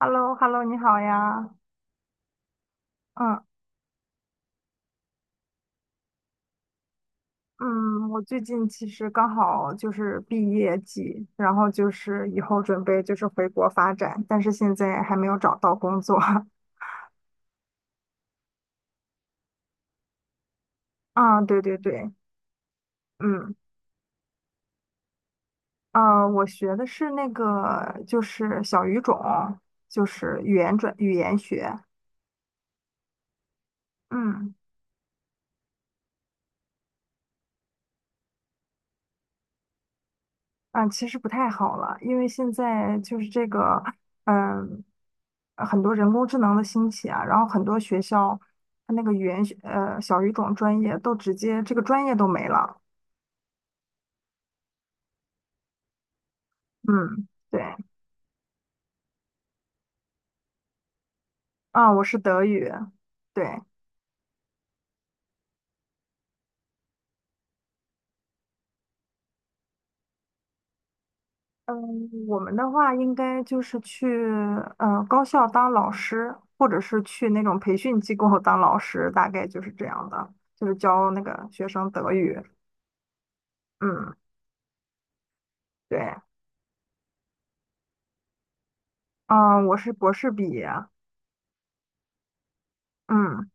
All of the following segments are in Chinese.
Hello，Hello，你好呀。嗯嗯，我最近其实刚好就是毕业季，然后就是以后准备就是回国发展，但是现在还没有找到工作。啊，对对对。嗯啊，我学的是那个就是小语种，就是语言学。嗯。啊，其实不太好了，因为现在就是这个，嗯，很多人工智能的兴起啊，然后很多学校它那个语言学小语种专业都直接这个专业都没了。嗯，对。啊，我是德语，对。嗯，我们的话应该就是去高校当老师，或者是去那种培训机构 当老师，大概就是这样的，就是教那个学生德语。嗯，对。嗯，我是博士毕业。嗯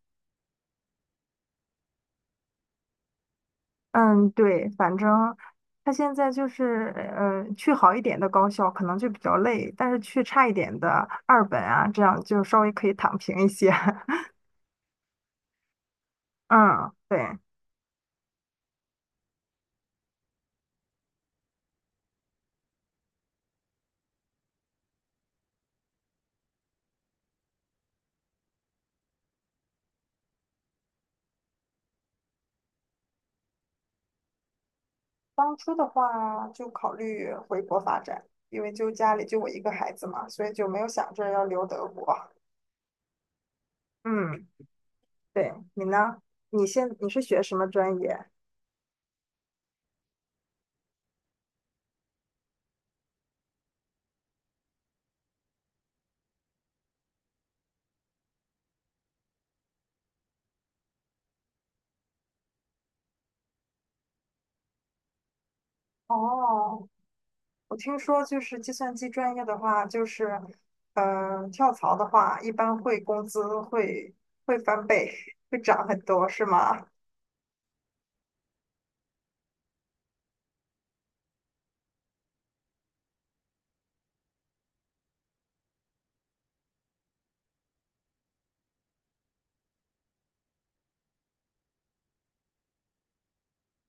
嗯，对，反正他现在就是，去好一点的高校可能就比较累，但是去差一点的二本啊，这样就稍微可以躺平一些。嗯，对。当初的话就考虑回国发展，因为就家里就我一个孩子嘛，所以就没有想着要留德国。嗯，对。你呢？你是学什么专业？哦，我听说，就是计算机专业的话，就是，跳槽的话，一般会工资会翻倍，会涨很多，是吗？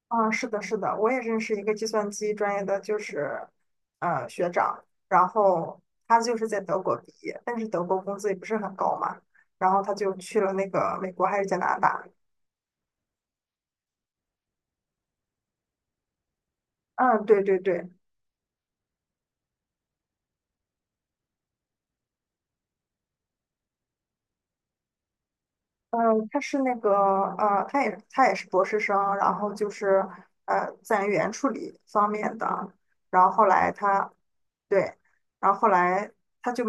啊，是的，是的，我也认识一个计算机专业的，就是，学长，然后他就是在德国毕业，但是德国工资也不是很高嘛，然后他就去了那个美国还是加拿大。嗯，对对对。他是那个他也是博士生，然后就是在言处理方面的，然后后来他对，然后后来他就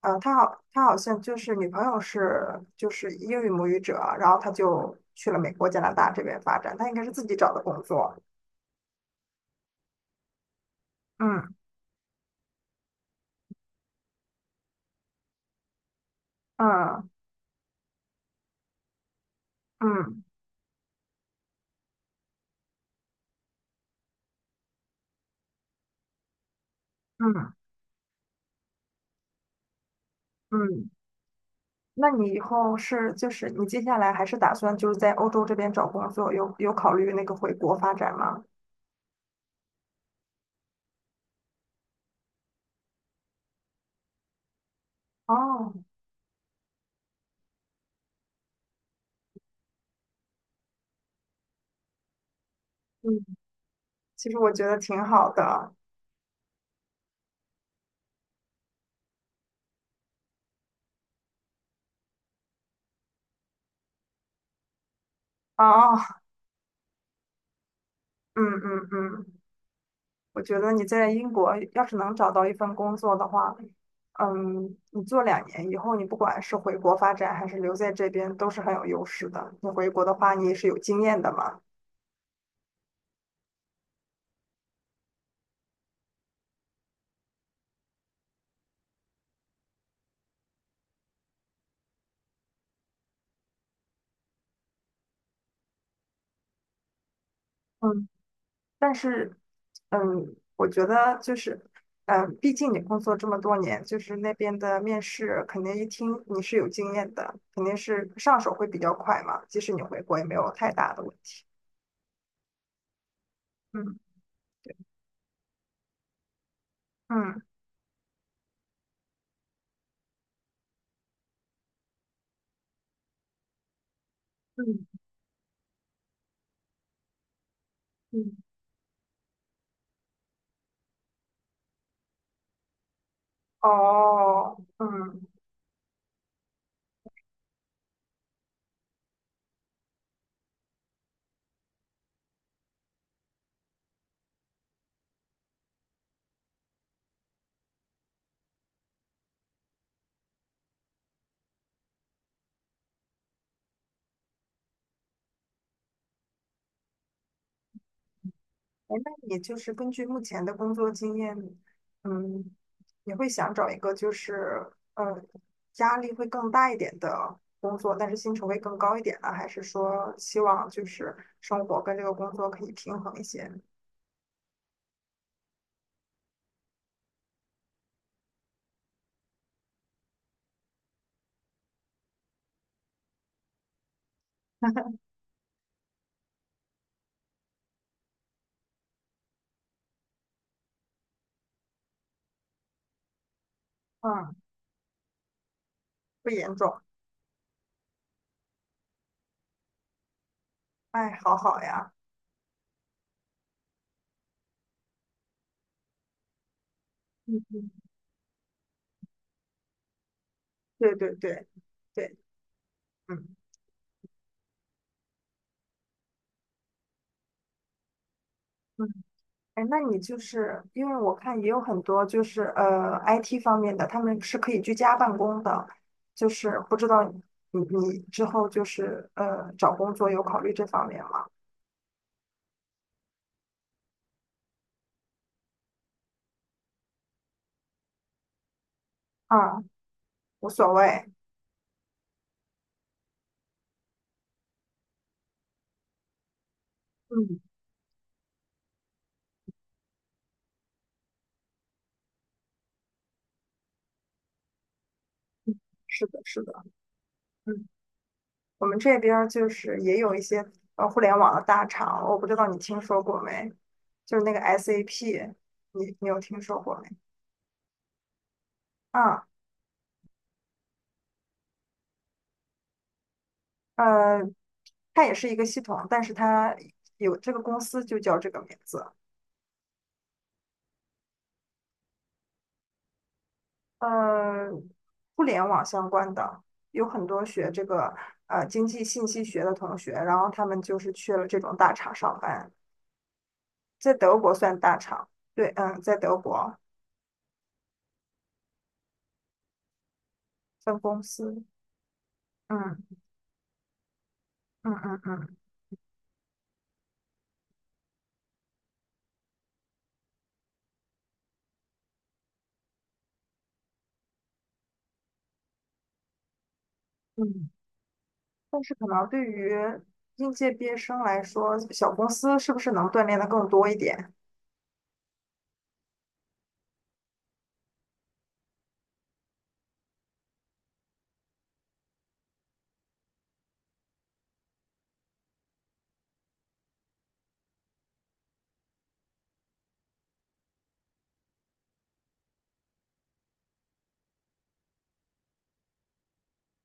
他好像就是女朋友是就是英语母语者，然后他就去了美国、加拿大这边发展，他应该是自己找的工作。嗯嗯嗯嗯嗯。那你以后你接下来还是打算就是在欧洲这边找工作，有考虑那个回国发展吗？哦，嗯，其实我觉得挺好的。哦，嗯，我觉得你在英国要是能找到一份工作的话，嗯，你做两年以后，你不管是回国发展还是留在这边，都是很有优势的。你回国的话，你也是有经验的嘛。嗯，但是，嗯，我觉得就是，嗯，毕竟你工作这么多年，就是那边的面试肯定一听你是有经验的，肯定是上手会比较快嘛。即使你回国也没有太大的问题。嗯嗯嗯嗯，哦，嗯。哎，那你就是根据目前的工作经验，嗯，你会想找一个呃压力会更大一点的工作，但是薪酬会更高一点呢？还是说希望就是生活跟这个工作可以平衡一些？嗯，不严重。哎，好好呀。嗯，对对对对，嗯。哎，那你就是因为我看也有很多就是IT 方面的，他们是可以居家办公的，就是不知道你之后就是找工作有考虑这方面吗？啊，无所谓。嗯，是的，是的。嗯，我们这边儿就是也有一些互联网的大厂，我不知道你听说过没？就是那个 SAP，你有听说过没？啊，呃，它也是一个系统，但是它有这个公司就叫这个名字。呃，互联网相关的，有很多学这个经济信息学的同学，然后他们就是去了这种大厂上班，在德国算大厂，对。嗯，在德国分公司。嗯嗯嗯嗯嗯，但是可能对于应届毕业生来说，小公司是不是能锻炼的更多一点？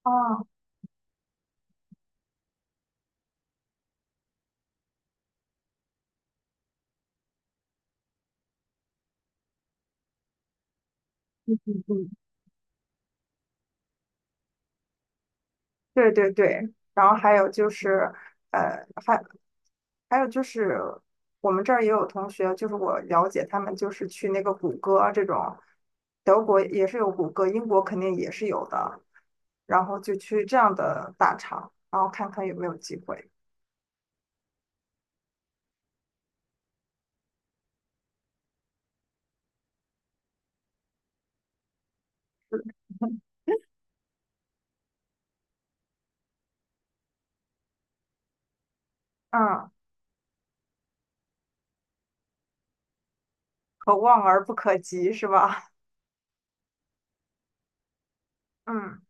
哦，嗯，对对对，然后还有就是，呃，还还有就是我们这儿也有同学，就是我了解他们就是去那个谷歌啊这种，德国也是有谷歌，英国肯定也是有的，然后就去这样的大厂，然后看看有没有机会。嗯，可望而不可及是吧？嗯，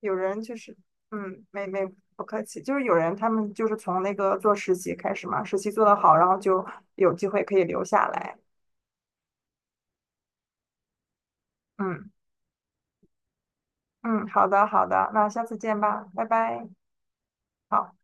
有人就是嗯，没没不客气，就是有人他们就是从那个做实习开始嘛，实习做的好，然后就有机会可以留下来。嗯嗯，好的好的，那下次见吧，拜拜。好。